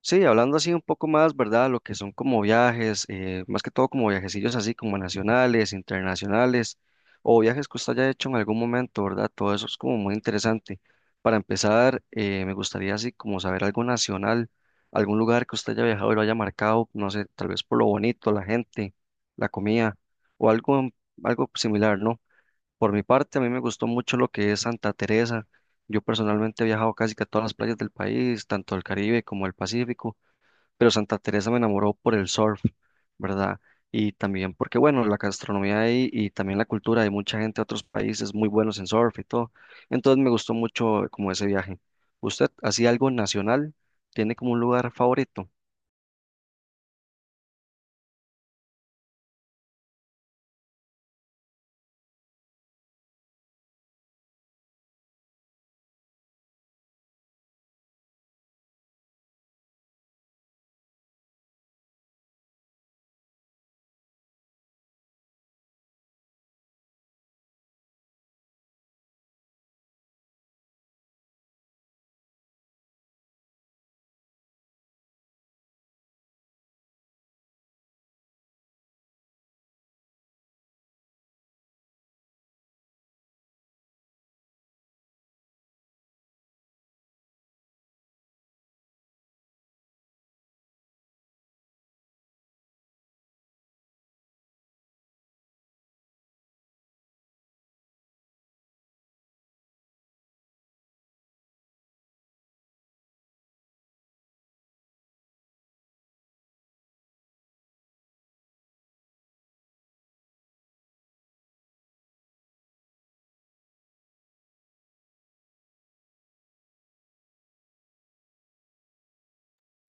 Sí, hablando así un poco más, ¿verdad? Lo que son como viajes, más que todo como viajecillos así como nacionales, internacionales, o viajes que usted haya hecho en algún momento, ¿verdad? Todo eso es como muy interesante. Para empezar, me gustaría así como saber algo nacional, algún lugar que usted haya viajado y lo haya marcado, no sé, tal vez por lo bonito, la gente, la comida, o algo, algo similar, ¿no? Por mi parte, a mí me gustó mucho lo que es Santa Teresa. Yo personalmente he viajado casi que a todas las playas del país, tanto el Caribe como el Pacífico, pero Santa Teresa me enamoró por el surf, ¿verdad? Y también porque, bueno, la gastronomía ahí y también la cultura, hay mucha gente de otros países muy buenos en surf y todo. Entonces me gustó mucho como ese viaje. ¿Usted hacía algo nacional? ¿Tiene como un lugar favorito?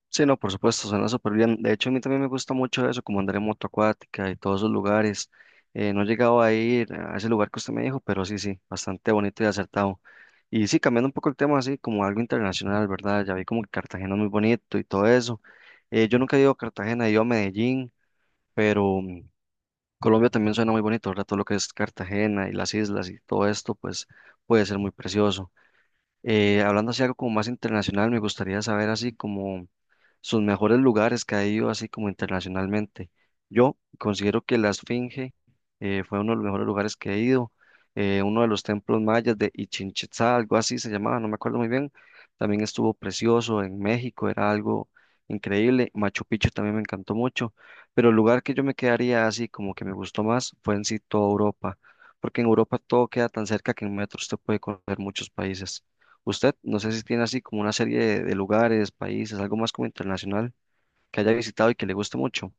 Sí, no, por supuesto, suena súper bien. De hecho, a mí también me gusta mucho eso, como andar en moto acuática y todos esos lugares. No he llegado a ir a ese lugar que usted me dijo, pero sí, sí, bastante bonito y acertado. Y sí, cambiando un poco el tema, así como algo internacional, ¿verdad? Ya vi como que Cartagena es muy bonito y todo eso. Yo nunca he ido a Cartagena, he ido a Medellín, pero Colombia también suena muy bonito, ¿verdad? Todo lo que es Cartagena y las islas y todo esto, pues puede ser muy precioso. Hablando así algo como más internacional, me gustaría saber así como sus mejores lugares que ha ido así como internacionalmente. Yo considero que la Esfinge fue uno de los mejores lugares que he ido, uno de los templos mayas de Ichin Itzá, algo así se llamaba, no me acuerdo muy bien. También estuvo precioso en México, era algo increíble. Machu Picchu también me encantó mucho, pero el lugar que yo me quedaría así como que me gustó más fue en sí toda Europa, porque en Europa todo queda tan cerca que en metro usted puede correr muchos países. Usted, no sé si tiene así como una serie de lugares, países, algo más como internacional que haya visitado y que le guste mucho.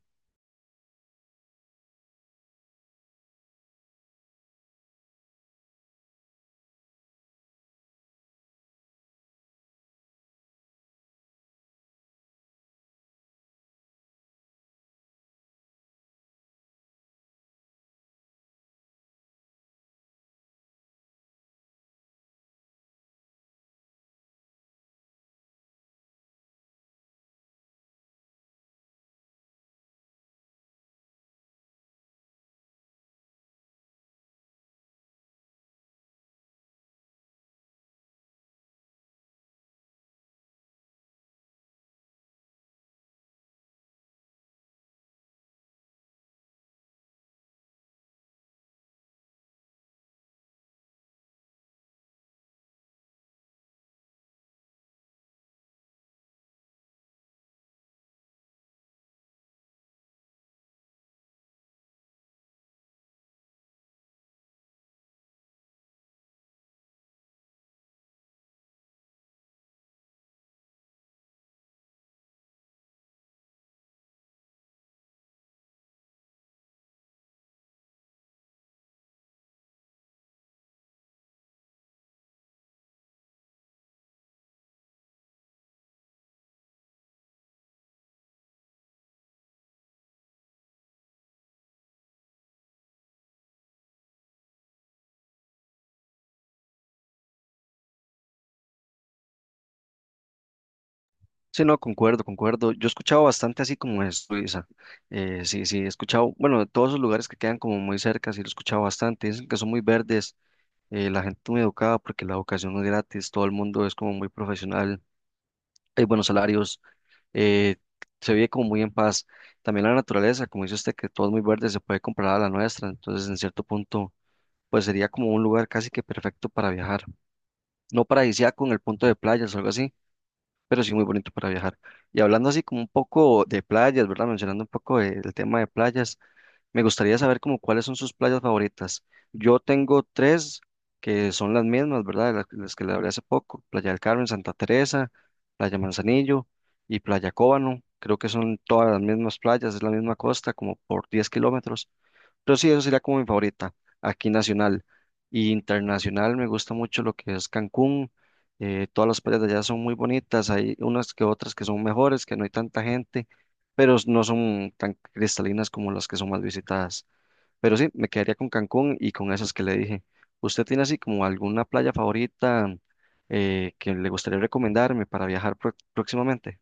Sí, no, concuerdo, concuerdo. Yo he escuchado bastante así como es Suiza. Sí, sí, he escuchado, bueno, de todos esos lugares que quedan como muy cerca, sí lo he escuchado bastante. Dicen que son muy verdes, la gente muy educada porque la educación no es gratis, todo el mundo es como muy profesional, hay buenos salarios, eh, se vive como muy en paz. También la naturaleza, como dice usted, que todo es muy verde, se puede comparar a la nuestra, entonces en cierto punto pues sería como un lugar casi que perfecto para viajar. No paradisíaco en el punto de playas o algo así, pero sí muy bonito para viajar. Y hablando así como un poco de playas, ¿verdad? Mencionando un poco el tema de playas, me gustaría saber como cuáles son sus playas favoritas. Yo tengo tres que son las mismas, ¿verdad? Las que le hablé hace poco, Playa del Carmen, Santa Teresa, Playa Manzanillo y Playa Cóbano. Creo que son todas las mismas playas, es la misma costa, como por 10 kilómetros. Pero sí, eso sería como mi favorita, aquí nacional. Y internacional me gusta mucho lo que es Cancún. Eh, todas las playas de allá son muy bonitas, hay unas que otras que son mejores, que no hay tanta gente, pero no son tan cristalinas como las que son más visitadas. Pero sí, me quedaría con Cancún y con esas que le dije. ¿Usted tiene así como alguna playa favorita que le gustaría recomendarme para viajar próximamente?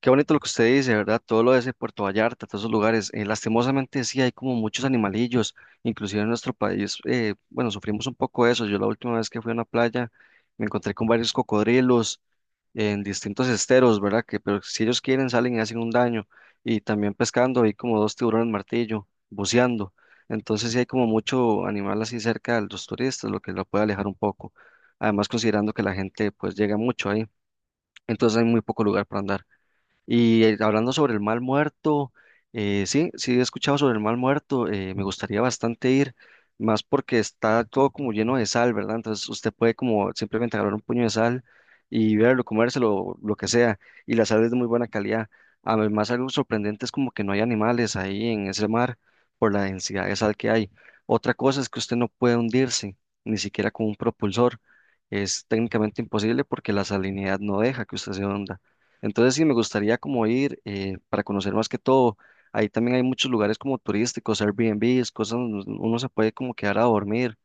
Qué bonito lo que usted dice, ¿verdad? Todo lo de ese Puerto Vallarta, todos esos lugares. Lastimosamente sí hay como muchos animalillos, inclusive en nuestro país, bueno, sufrimos un poco de eso. Yo la última vez que fui a una playa me encontré con varios cocodrilos en distintos esteros, ¿verdad? Que pero si ellos quieren salen y hacen un daño. Y también pescando, hay como dos tiburones martillo, buceando. Entonces sí hay como mucho animal así cerca de los turistas, lo que lo puede alejar un poco. Además considerando que la gente pues llega mucho ahí, entonces hay muy poco lugar para andar. Y hablando sobre el mal muerto, sí, sí he escuchado sobre el mal muerto, me gustaría bastante ir, más porque está todo como lleno de sal, ¿verdad? Entonces usted puede como simplemente agarrar un puño de sal y verlo, comérselo, lo que sea, y la sal es de muy buena calidad. Además, algo sorprendente es como que no hay animales ahí en ese mar por la densidad de sal que hay. Otra cosa es que usted no puede hundirse, ni siquiera con un propulsor. Es técnicamente imposible porque la salinidad no deja que usted se hunda. Entonces sí, me gustaría como ir para conocer más que todo. Ahí también hay muchos lugares como turísticos, Airbnbs, cosas donde uno se puede como quedar a dormir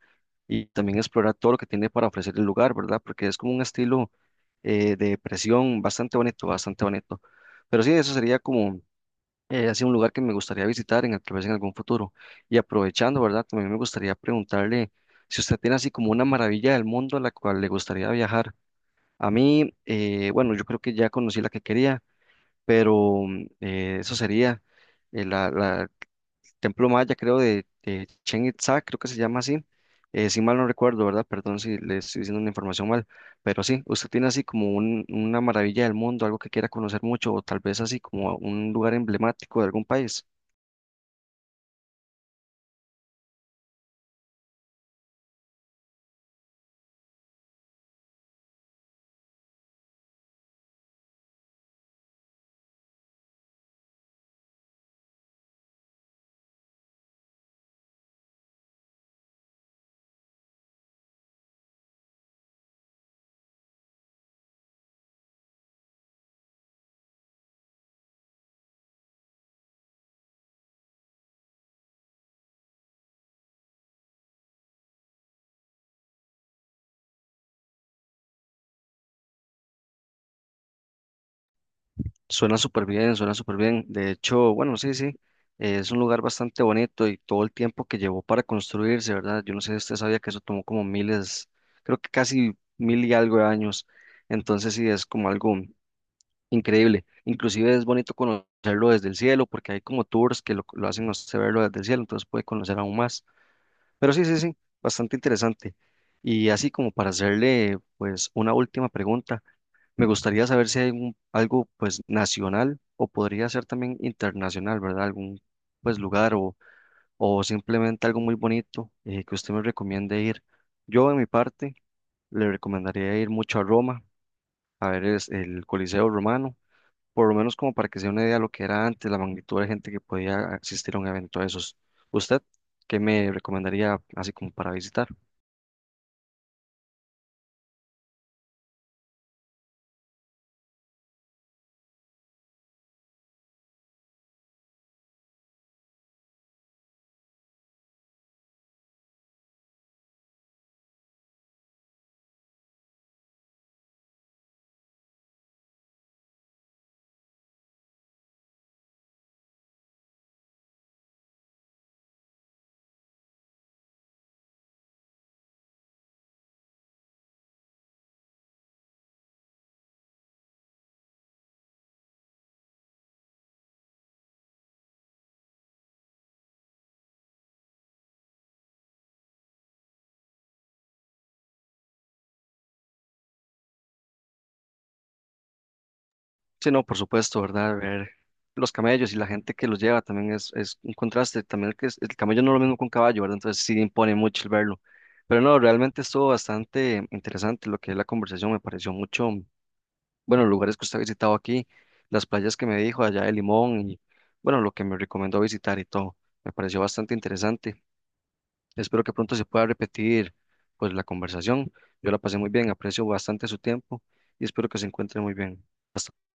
y también explorar todo lo que tiene para ofrecer el lugar, ¿verdad? Porque es como un estilo de presión bastante bonito, bastante bonito. Pero sí, eso sería como así un lugar que me gustaría visitar en, tal vez en algún futuro. Y aprovechando, ¿verdad? También me gustaría preguntarle si usted tiene así como una maravilla del mundo a la cual le gustaría viajar. A mí, bueno, yo creo que ya conocí la que quería, pero eso sería el templo maya, creo, de Chichén Itzá, creo que se llama así, si mal no recuerdo, ¿verdad? Perdón si le estoy diciendo una información mal, pero sí, usted tiene así como una maravilla del mundo, algo que quiera conocer mucho, o tal vez así como un lugar emblemático de algún país. Suena súper bien, suena súper bien. De hecho, bueno, sí, sí, es un lugar bastante bonito y todo el tiempo que llevó para construirse, ¿verdad? Yo no sé si usted sabía que eso tomó como miles, creo que casi mil y algo de años. Entonces sí, es como algo increíble. Inclusive es bonito conocerlo desde el cielo porque hay como tours que lo hacen a usted verlo desde el cielo, entonces puede conocer aún más. Pero sí, sí, sí, bastante interesante. Y así como para hacerle pues una última pregunta. Me gustaría saber si hay algo pues nacional o podría ser también internacional, ¿verdad? Algún pues lugar o simplemente algo muy bonito que usted me recomiende ir. Yo en mi parte le recomendaría ir mucho a Roma, a ver es, el Coliseo Romano, por lo menos como para que se dé una idea de lo que era antes, la magnitud de gente que podía asistir a un evento de esos. ¿Usted qué me recomendaría así como para visitar? Sí, no, por supuesto, ¿verdad? Ver los camellos y la gente que los lleva también es un contraste. También que el camello no es lo mismo que un caballo, ¿verdad? Entonces sí impone mucho el verlo. Pero no, realmente estuvo bastante interesante lo que es la conversación. Me pareció mucho, bueno, los lugares que usted ha visitado aquí, las playas que me dijo allá de Limón y, bueno, lo que me recomendó visitar y todo. Me pareció bastante interesante. Espero que pronto se pueda repetir, pues, la conversación. Yo la pasé muy bien, aprecio bastante su tiempo y espero que se encuentre muy bien. Hasta